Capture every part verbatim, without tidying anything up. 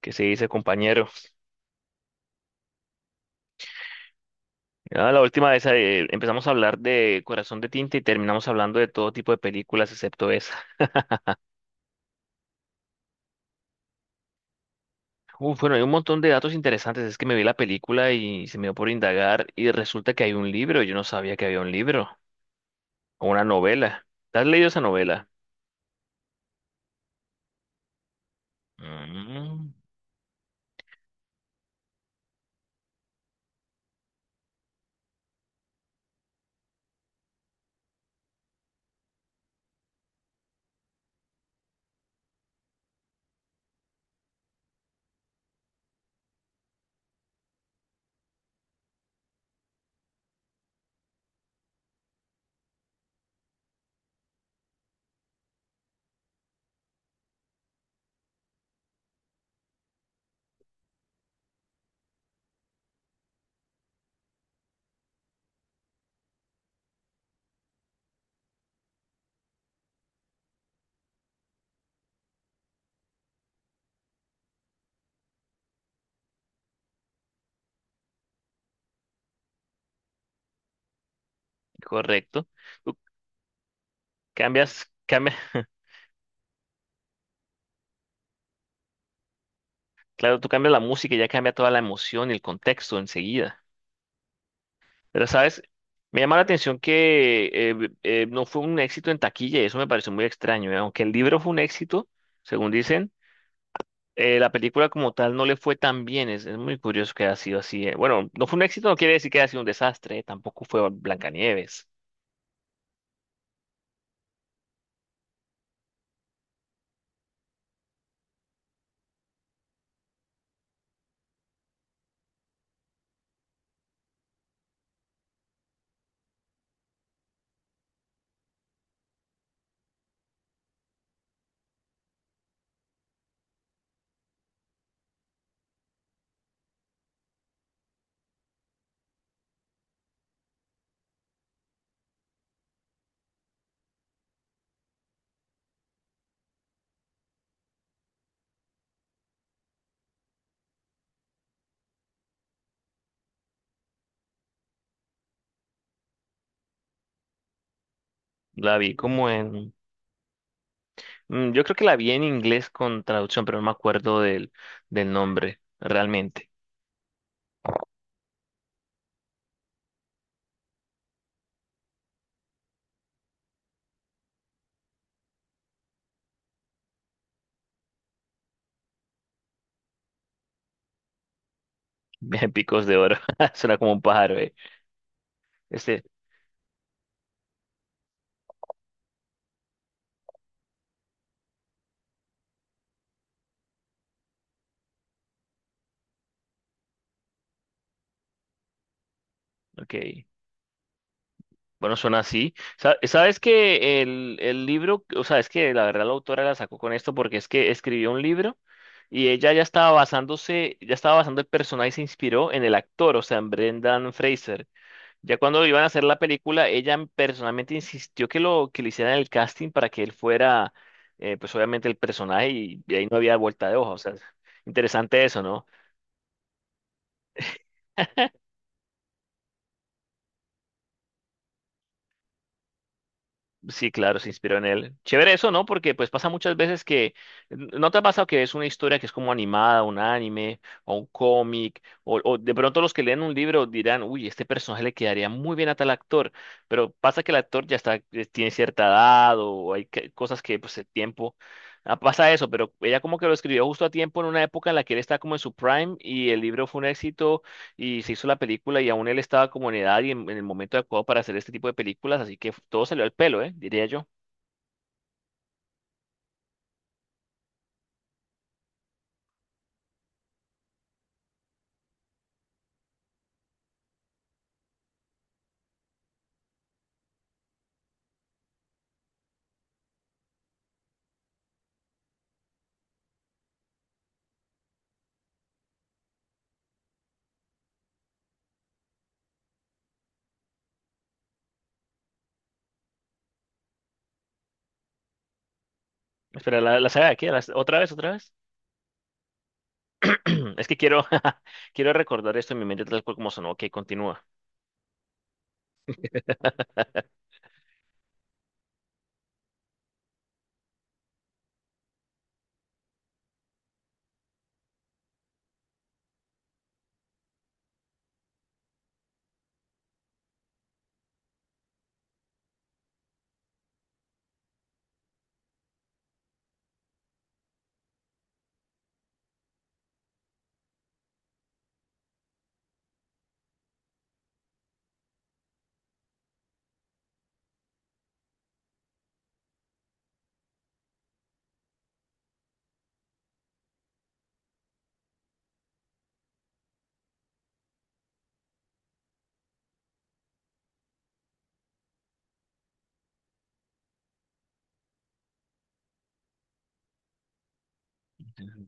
¿Qué se dice, compañero? Ya la última vez eh, empezamos a hablar de Corazón de Tinta y terminamos hablando de todo tipo de películas excepto esa. Uf, bueno, hay un montón de datos interesantes. Es que me vi la película y se me dio por indagar y resulta que hay un libro. Yo no sabía que había un libro o una novela. ¿Te has leído esa novela? Mm. Correcto. Tú cambias, cambia, claro, tú cambias la música y ya cambia toda la emoción y el contexto enseguida. Pero, ¿sabes? Me llama la atención que eh, eh, no fue un éxito en taquilla y eso me pareció muy extraño, ¿eh? Aunque el libro fue un éxito, según dicen, eh, la película como tal no le fue tan bien. Es, es muy curioso que haya sido así. eh. Bueno, no fue un éxito, no quiere decir que haya sido un desastre. eh, Tampoco fue Blancanieves. La vi como en... mm, yo creo que la vi en inglés con traducción, pero no me acuerdo del, del nombre, realmente. Picos de oro. Suena como un pájaro, ¿eh? Este, ok. Bueno, suena así. Sa- Sabes que el, el libro, o sea, es que la verdad la autora la sacó con esto porque es que escribió un libro y ella ya estaba basándose, ya estaba basando el personaje y se inspiró en el actor, o sea, en Brendan Fraser. Ya cuando iban a hacer la película, ella personalmente insistió que lo que le hicieran el casting para que él fuera, eh, pues obviamente el personaje y, y ahí no había vuelta de hoja. O sea, interesante eso, ¿no? Sí, claro, se inspiró en él. Chévere eso, ¿no? Porque pues pasa muchas veces que, ¿no te ha pasado que es una historia que es como animada, un anime, o un cómic, o, o de pronto los que leen un libro dirán, uy, este personaje le quedaría muy bien a tal actor, pero pasa que el actor ya está, eh, tiene cierta edad, o hay que- cosas que pues el tiempo, ah, pasa eso, pero ella como que lo escribió justo a tiempo en una época en la que él está como en su prime y el libro fue un éxito y se hizo la película y aún él estaba como en edad y en, en el momento adecuado para hacer este tipo de películas, así que todo salió al pelo, ¿eh? Diría yo. Espera, ¿la, la saga de qué? ¿La- ¿Otra vez, otra vez? Es que quiero, quiero recordar esto en mi mente tal cual como sonó. Ok, continúa.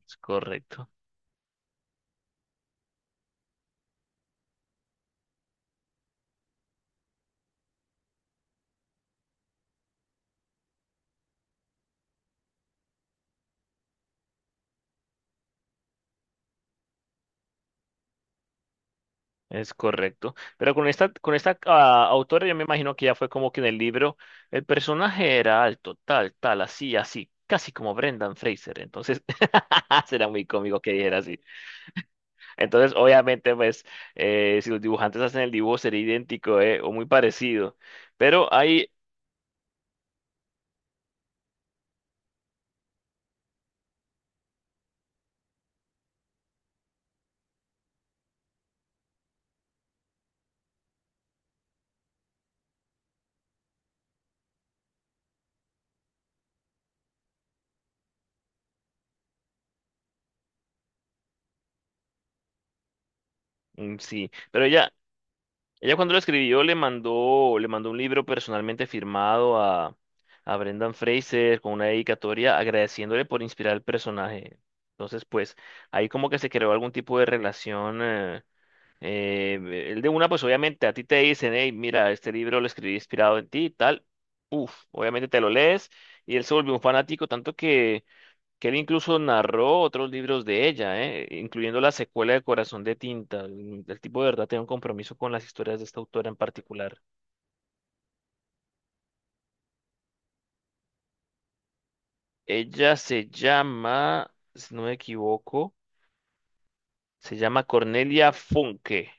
Es correcto, es correcto. Pero con esta, con esta ah, autora yo me imagino que ya fue como que en el libro el personaje era alto, tal, tal, así, así, casi como Brendan Fraser. Entonces será muy cómico que dijera. Entonces, obviamente, pues, eh, si los dibujantes hacen el dibujo sería idéntico, eh, o muy parecido. Pero hay, mm, sí, pero ella, ella cuando lo escribió le mandó, le mandó un libro personalmente firmado a, a Brendan Fraser con una dedicatoria agradeciéndole por inspirar el personaje. Entonces, pues, ahí como que se creó algún tipo de relación. eh, Eh, el de una, pues obviamente a ti te dicen, hey, mira, este libro lo escribí inspirado en ti y tal. Uf, obviamente te lo lees y él se volvió un fanático, tanto que, que él incluso narró otros libros de ella, eh, incluyendo la secuela de Corazón de Tinta. El, el tipo de verdad tiene un compromiso con las historias de esta autora en particular. Ella se llama, si no me equivoco, se llama Cornelia Funke.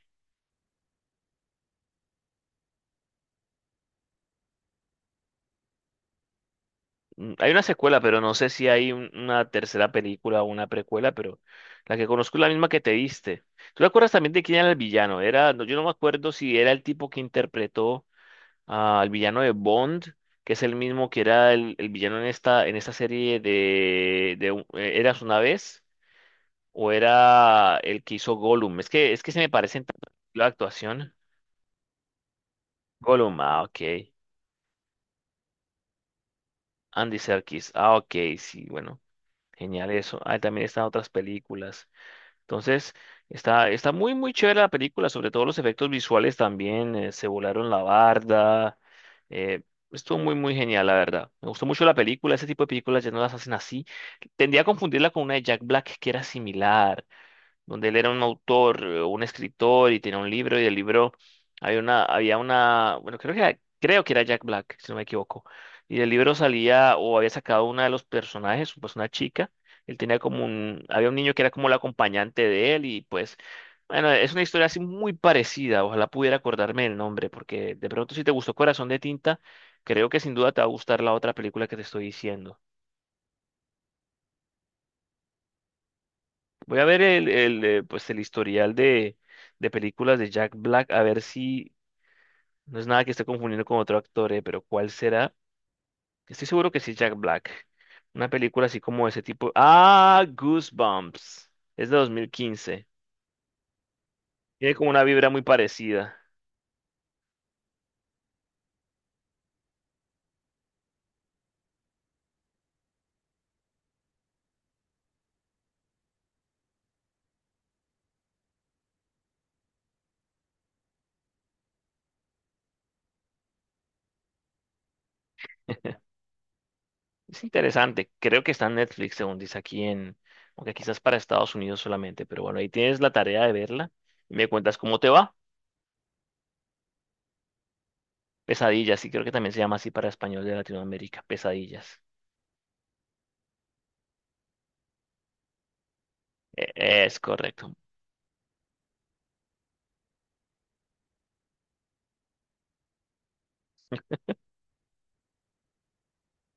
Mm, Hay una secuela, pero no sé si hay un- una tercera película o una precuela, pero la que conozco es la misma que te diste. ¿Tú te acuerdas también de quién era el villano? Era, no, yo no me acuerdo si era el tipo que interpretó ah, al villano de Bond, que es el mismo que era el, el villano en esta, en esta serie de, de un- eh, Eras una vez, o era el que hizo Gollum. Es que, es que se me parecen tanto la actuación. Gollum, ah, ok. Andy Serkis, ah, ok, sí, bueno, genial eso. Ah, también están otras películas. Entonces, está, está muy, muy chévere la película, sobre todo los efectos visuales también, eh, se volaron la barda, eh, estuvo muy, muy genial, la verdad. Me gustó mucho la película, ese tipo de películas ya no las hacen así. Tendía a confundirla con una de Jack Black que era similar, donde él era un autor, eh, un escritor y tenía un libro y el libro había una, había una, bueno, creo que era- creo que era Jack Black, si no me equivoco. Y del libro salía o había sacado una de los personajes, pues una chica. Él tenía como un, había un niño que era como el acompañante de él y pues, bueno, es una historia así muy parecida. Ojalá pudiera acordarme el nombre porque de pronto si te gustó Corazón de Tinta, creo que sin duda te va a gustar la otra película que te estoy diciendo. Voy a ver el, el, eh, pues el historial de, de películas de Jack Black, a ver si no es nada que esté confundiendo con otro actor, eh, pero ¿cuál será? Estoy seguro que sí es Jack Black. Una película así como ese tipo. Ah, Goosebumps. Es de dos mil quince. Tiene como una vibra muy parecida. Es interesante. Creo que está en Netflix, según dice aquí en... Aunque quizás para Estados Unidos solamente, pero bueno, ahí tienes la tarea de verla. Y me cuentas cómo te va. Pesadillas, sí, creo que también se llama así para español de Latinoamérica. Pesadillas. E- Es correcto.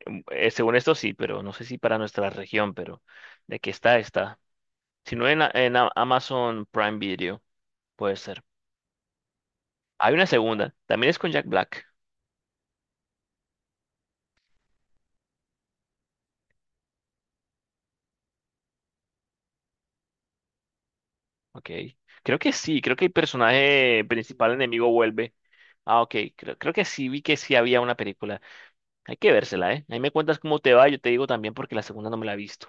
Mm, eh, según esto sí, pero no sé si para nuestra región, pero de que está, está. Si no en, a- en a- Amazon Prime Video, puede ser. Hay una segunda, también es con Jack Black. Ok. Creo que sí, creo que el personaje principal enemigo vuelve. Ah, ok, creo, creo que sí, vi que sí había una película. Hay que vérsela, ¿eh? Ahí me cuentas cómo te va, yo te digo también porque la segunda no me la he visto.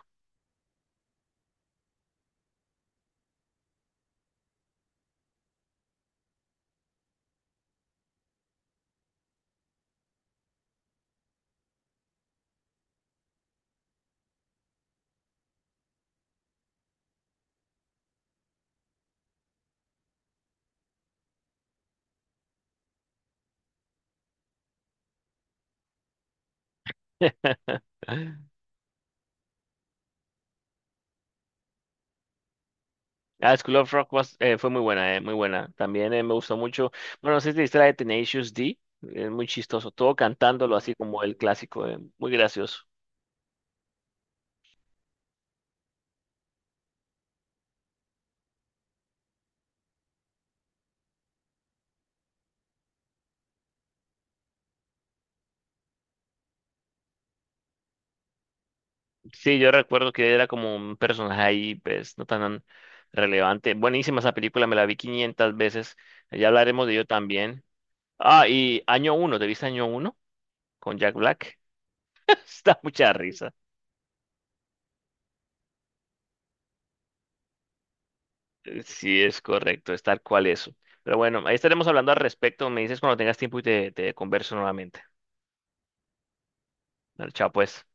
Ah, School of Rock was- eh, fue muy buena, eh, muy buena. También eh, me gustó mucho. Bueno, no sé si te viste la de Tenacious D. Es muy chistoso. Todo cantándolo así como el clásico. eh, muy gracioso. Sí, yo recuerdo que era como un personaje ahí, pues, no tan relevante. Buenísima esa película, me la vi quinientas veces. Ya hablaremos de ello también. Ah, y Año Uno, ¿te viste Año Uno con Jack Black? Está mucha risa. Eh, Sí, es correcto, es tal cual eso. Pero bueno, ahí estaremos hablando al respecto. Me dices cuando tengas tiempo y te, te converso nuevamente. Dale, chao pues.